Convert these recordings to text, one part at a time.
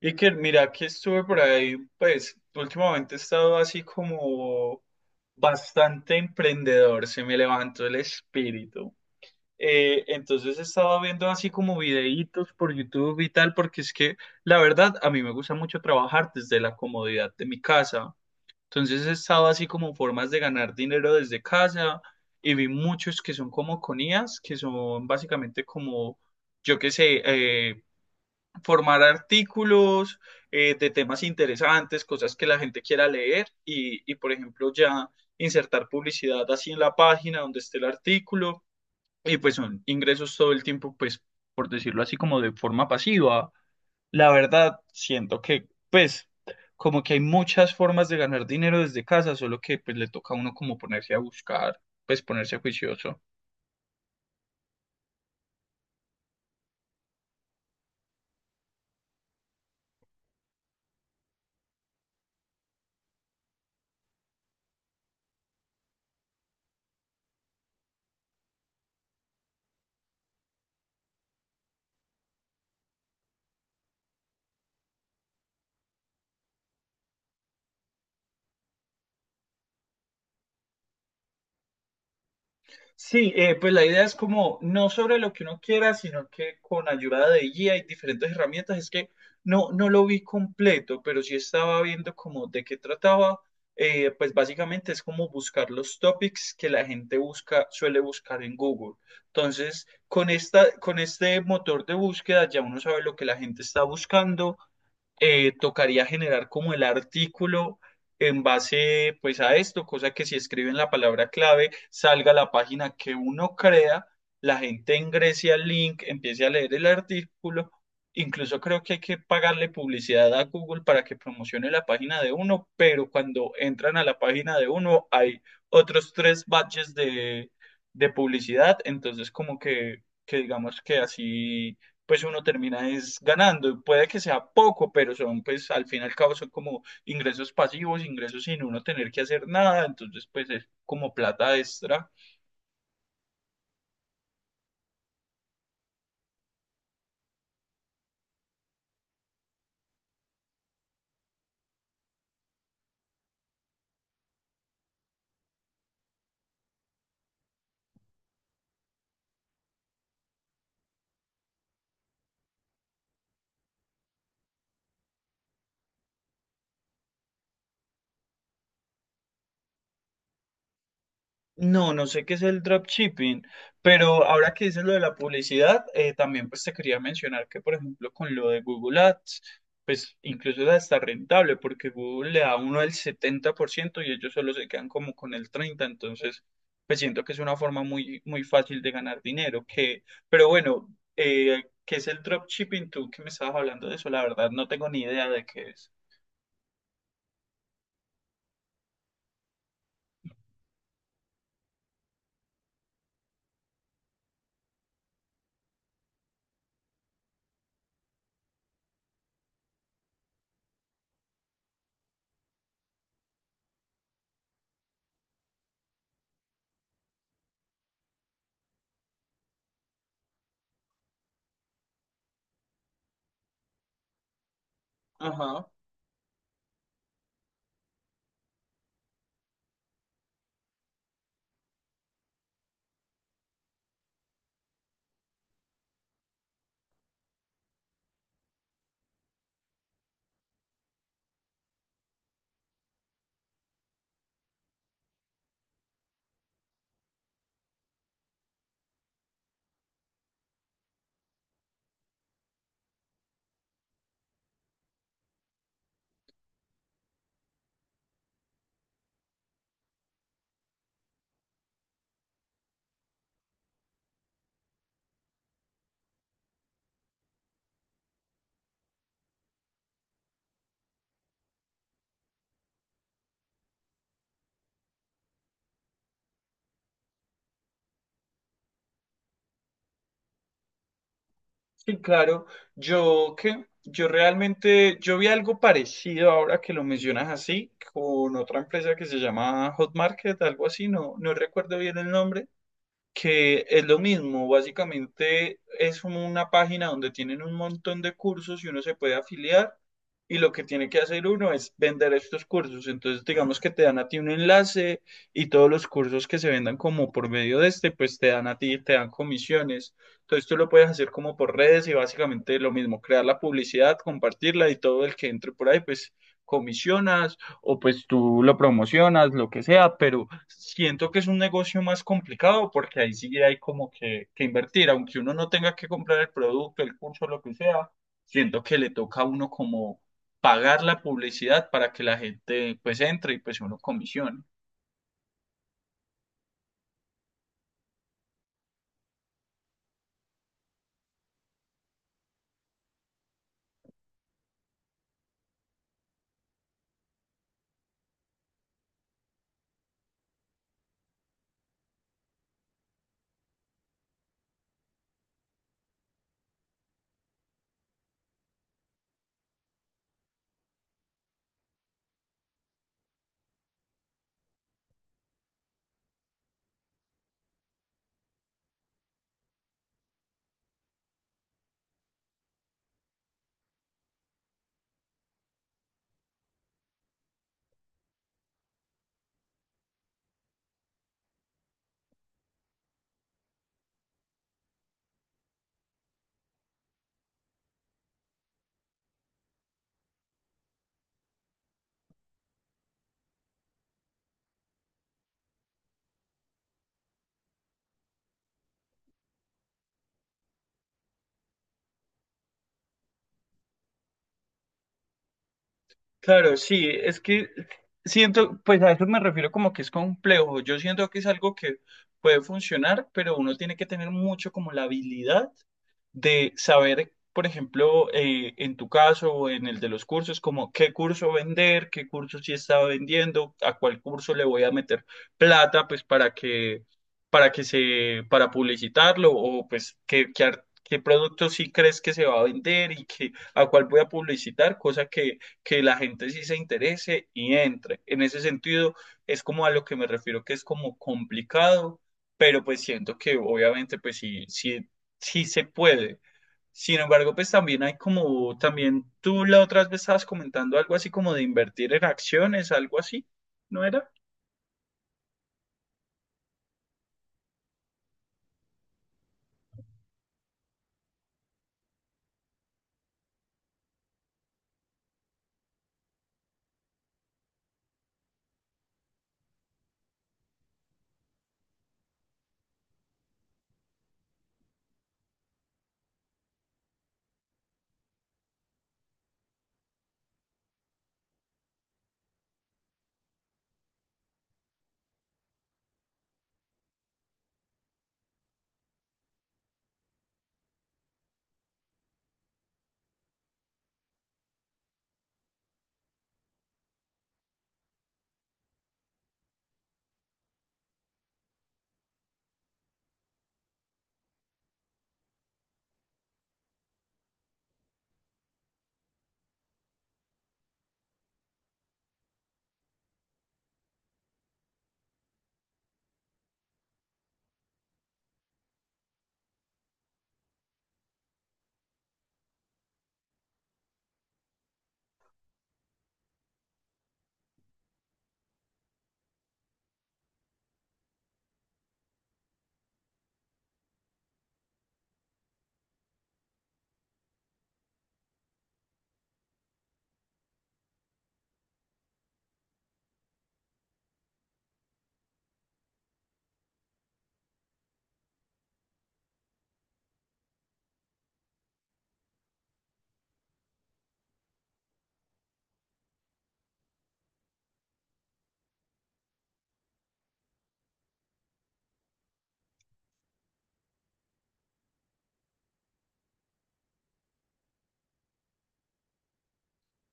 Iker, mira que estuve por ahí, pues últimamente he estado así como bastante emprendedor, se me levantó el espíritu. Entonces he estado viendo así como videitos por YouTube y tal, porque es que la verdad a mí me gusta mucho trabajar desde la comodidad de mi casa. Entonces he estado así como formas de ganar dinero desde casa y vi muchos que son como con IAs, que son básicamente como, yo qué sé, formar artículos de temas interesantes, cosas que la gente quiera leer y por ejemplo, ya insertar publicidad así en la página donde esté el artículo y pues son ingresos todo el tiempo, pues, por decirlo así, como de forma pasiva. La verdad, siento que, pues, como que hay muchas formas de ganar dinero desde casa, solo que pues le toca a uno como ponerse a buscar, pues ponerse juicioso. Sí, pues la idea es como no sobre lo que uno quiera, sino que con ayuda de guía y diferentes herramientas. Es que no lo vi completo, pero sí estaba viendo como de qué trataba. Pues básicamente es como buscar los topics que la gente busca, suele buscar en Google. Entonces, con este motor de búsqueda ya uno sabe lo que la gente está buscando, tocaría generar como el artículo en base pues a esto, cosa que si escriben la palabra clave salga la página que uno crea, la gente ingrese al link, empiece a leer el artículo. Incluso creo que hay que pagarle publicidad a Google para que promocione la página de uno, pero cuando entran a la página de uno hay otros tres badges de publicidad, entonces como que digamos que así pues uno termina es ganando. Puede que sea poco, pero son, pues al fin y al cabo son como ingresos pasivos, ingresos sin uno tener que hacer nada, entonces pues es como plata extra. No, no sé qué es el dropshipping, pero ahora que dices lo de la publicidad, también pues te quería mencionar que, por ejemplo, con lo de Google Ads, pues incluso es hasta rentable, porque Google le da a uno el 70% y ellos solo se quedan como con el 30%, entonces pues siento que es una forma muy, muy fácil de ganar dinero, que, pero bueno, ¿qué es el dropshipping? Tú que me estabas hablando de eso, la verdad no tengo ni idea de qué es. Ajá. Sí, claro. Yo realmente yo vi algo parecido ahora que lo mencionas así con otra empresa que se llama Hot Market, algo así, no recuerdo bien el nombre, que es lo mismo, básicamente es como una página donde tienen un montón de cursos y uno se puede afiliar y lo que tiene que hacer uno es vender estos cursos. Entonces, digamos que te dan a ti un enlace y todos los cursos que se vendan como por medio de este, pues te dan a ti, te dan comisiones. Entonces, tú lo puedes hacer como por redes y básicamente lo mismo, crear la publicidad, compartirla y todo el que entre por ahí, pues comisionas o pues tú lo promocionas, lo que sea, pero siento que es un negocio más complicado porque ahí sí hay como que invertir, aunque uno no tenga que comprar el producto, el curso, lo que sea, siento que le toca a uno como pagar la publicidad para que la gente pues entre y pues uno comisione. Claro, sí, es que siento, pues a eso me refiero como que es complejo. Yo siento que es algo que puede funcionar, pero uno tiene que tener mucho como la habilidad de saber, por ejemplo, en tu caso o en el de los cursos, como qué curso vender, qué curso sí estaba vendiendo, a cuál curso le voy a meter plata, pues para que se, para publicitarlo o pues qué producto sí crees que se va a vender y que, a cuál voy a publicitar, cosa que la gente sí se interese y entre. En ese sentido, es como a lo que me refiero, que es como complicado, pero pues siento que obviamente pues sí, sí se puede. Sin embargo, pues también hay como, también tú la otra vez estabas comentando algo así como de invertir en acciones, algo así, ¿no era?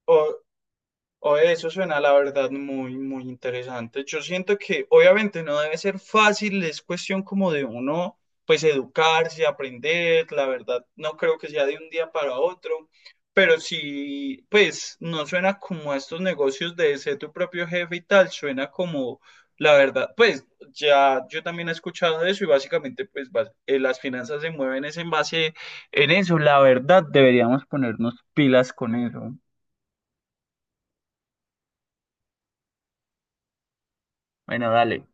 O, Oye, eso suena la verdad muy, muy interesante. Yo siento que obviamente no debe ser fácil, es cuestión como de uno, pues educarse, aprender, la verdad no creo que sea de un día para otro, pero sí, pues no suena como a estos negocios de ser tu propio jefe y tal, suena como, la verdad, pues ya yo también he escuchado eso y básicamente las finanzas se mueven es en base en eso, la verdad deberíamos ponernos pilas con eso. Bueno, dale.